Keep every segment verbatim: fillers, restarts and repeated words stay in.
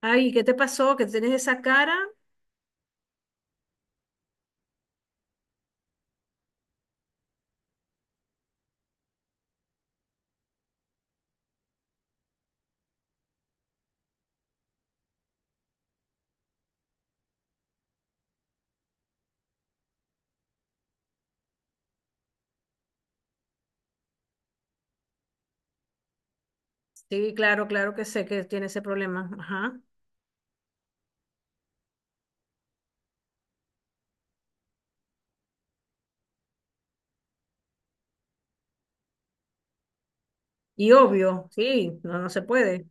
Ay, ¿qué te pasó? ¿Que tienes esa cara? Sí, claro, claro que sé que tiene ese problema. Ajá. Y obvio, sí, no, no se puede.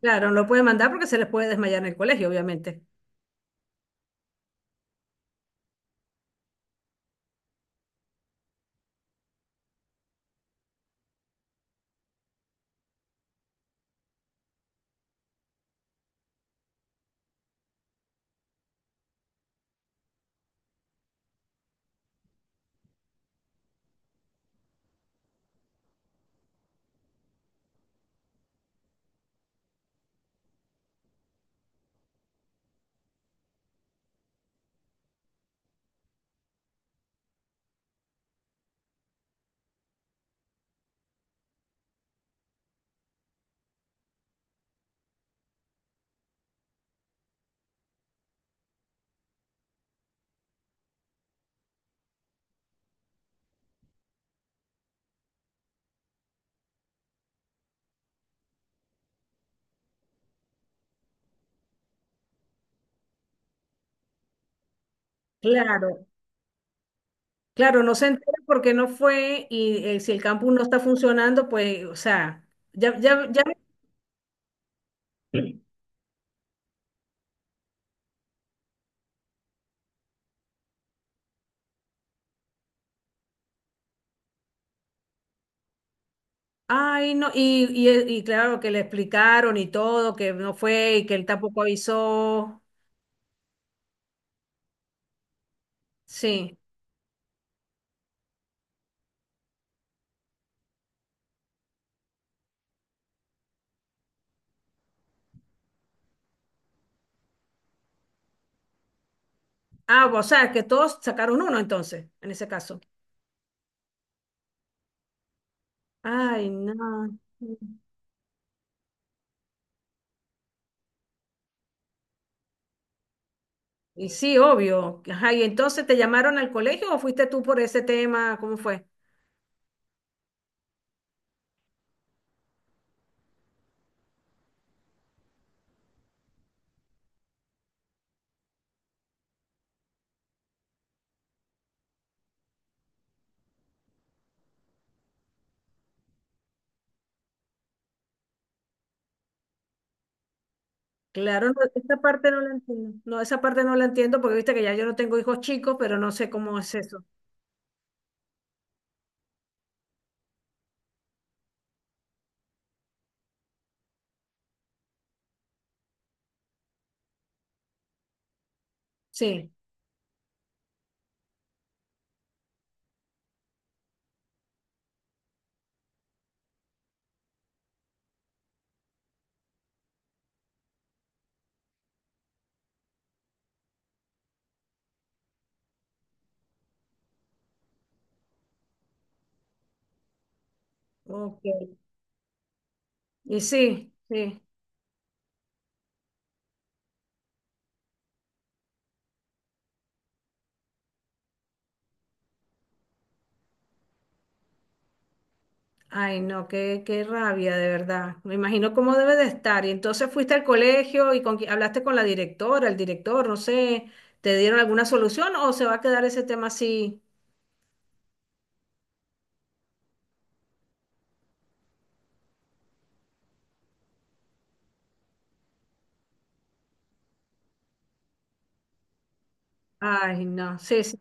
Claro, no lo puede mandar porque se les puede desmayar en el colegio, obviamente. Claro, claro, no se entera porque no fue y eh, si el campus no está funcionando, pues, o sea, ya, ya, ya. Ay, no, y, y, eh, y claro que le explicaron y todo, que no fue y que él tampoco avisó. Sí. Ah, o sea, que todos sacaron uno entonces, en ese caso. Ay, no. Y sí, obvio. Ajá, y entonces te llamaron al colegio o fuiste tú por ese tema, ¿cómo fue? Claro, no, esa parte no la entiendo. No, esa parte no la entiendo porque viste que ya yo no tengo hijos chicos, pero no sé cómo es eso. Sí, ok. Y sí, sí. Ay, no, qué, qué rabia, de verdad. Me imagino cómo debe de estar. Y entonces fuiste al colegio y con, qui- hablaste con la directora, el director, no sé, ¿te dieron alguna solución o se va a quedar ese tema así? Ay, no, sí, sí.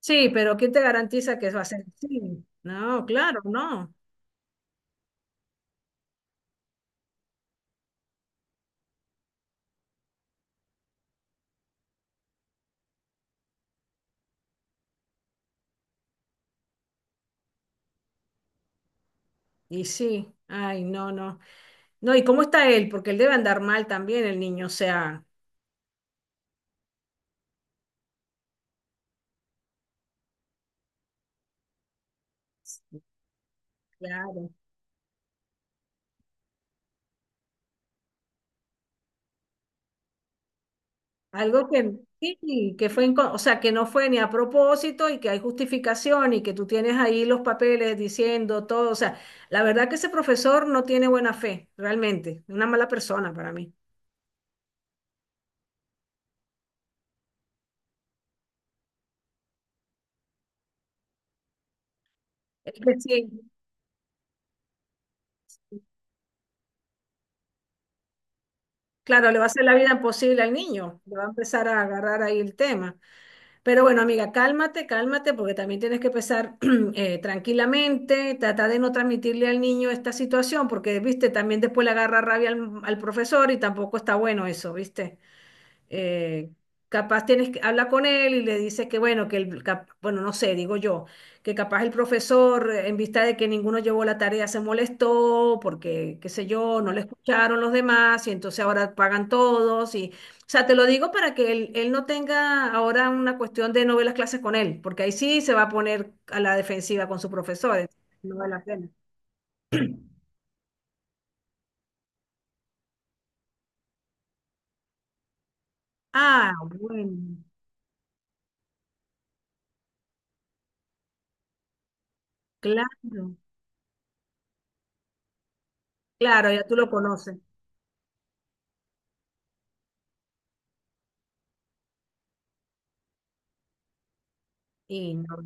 Sí, pero ¿quién te garantiza que va a ser así? No, claro, no. Y sí, ay, no, no. No, ¿y cómo está él? Porque él debe andar mal también, el niño, o sea, claro. Algo que sí, que fue, inco- o sea, que no fue ni a propósito y que hay justificación y que tú tienes ahí los papeles diciendo todo, o sea, la verdad que ese profesor no tiene buena fe, realmente, una mala persona para mí. Es que sí, claro, le va a hacer la vida imposible al niño, le va a empezar a agarrar ahí el tema. Pero bueno, amiga, cálmate, cálmate, porque también tienes que pensar eh, tranquilamente, tratar de no transmitirle al niño esta situación, porque, viste, también después le agarra rabia al, al profesor y tampoco está bueno eso, ¿viste? eh, capaz tienes que habla con él y le dices que bueno, que el, cap- bueno, no sé, digo yo, que capaz el profesor, eh, en vista de que ninguno llevó la tarea, se molestó porque, qué sé yo, no le escucharon los demás y entonces ahora pagan todos y, o sea, te lo digo para que él, él no tenga ahora una cuestión de no ver las clases con él, porque ahí sí se va a poner a la defensiva con sus profesores. No vale la pena. Ah, bueno, claro, claro, ya tú lo conoces. Y no.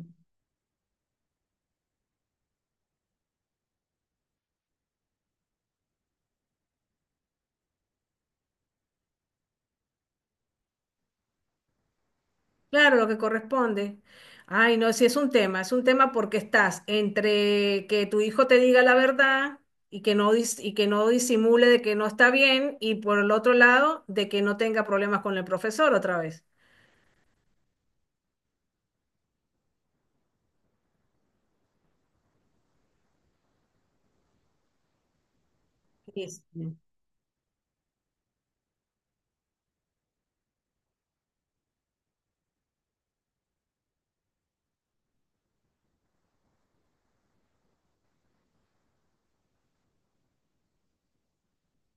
Claro, lo que corresponde. Ay, no, sí es un tema, es un tema porque estás entre que tu hijo te diga la verdad y que no, dis- y que no disimule de que no está bien y por el otro lado de que no tenga problemas con el profesor otra vez. Sí, sí.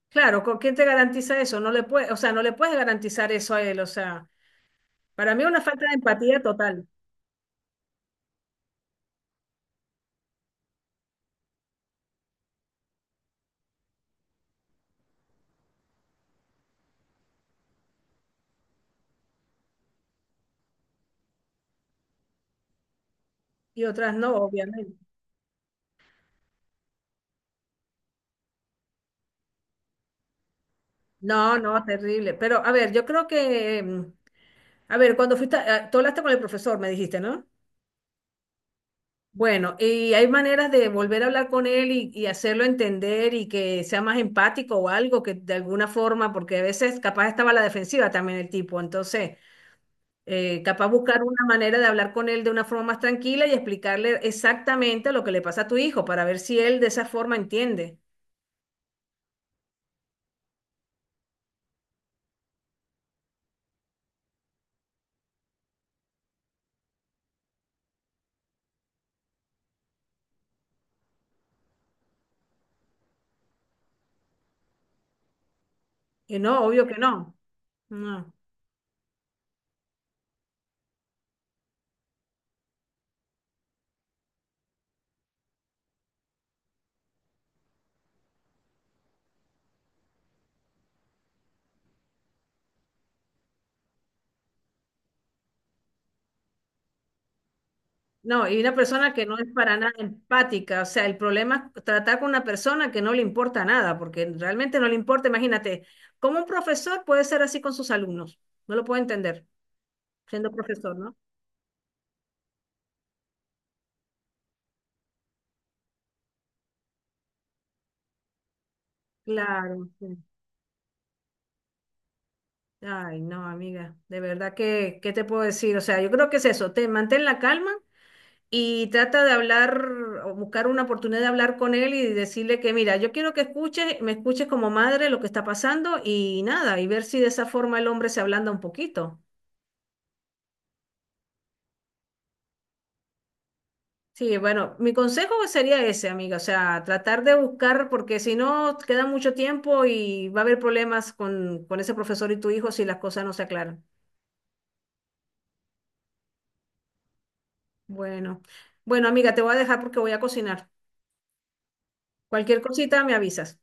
Claro, ¿con quién te garantiza eso? No le puede, o sea, no le puedes garantizar eso a él, o sea, para mí es una falta de empatía total y otras no, obviamente. No, no, terrible. Pero a ver, yo creo que, mm, a ver, cuando fuiste, a- tú hablaste con el profesor, me dijiste, ¿no? Bueno, y hay maneras de volver a hablar con él y, y hacerlo entender y que sea más empático o algo, que de alguna forma, porque a veces capaz estaba a la defensiva también el tipo, entonces eh, capaz buscar una manera de hablar con él de una forma más tranquila y explicarle exactamente lo que le pasa a tu hijo para ver si él de esa forma entiende. Y no, obvio que no. No. No, y una persona que no es para nada empática, o sea, el problema es tratar con una persona que no le importa nada, porque realmente no le importa, imagínate, ¿cómo un profesor puede ser así con sus alumnos? No lo puedo entender, siendo profesor, ¿no? Claro, sí. Ay, no, amiga, de verdad que, ¿qué te puedo decir? O sea, yo creo que es eso, te mantén la calma y trata de hablar o buscar una oportunidad de hablar con él y decirle que, mira, yo quiero que escuches, me escuches como madre lo que está pasando y nada, y ver si de esa forma el hombre se ablanda un poquito. Sí, bueno, mi consejo sería ese, amiga, o sea, tratar de buscar, porque si no, queda mucho tiempo y va a haber problemas con, con ese profesor y tu hijo si las cosas no se aclaran. Bueno, bueno, amiga, te voy a dejar porque voy a cocinar. Cualquier cosita me avisas.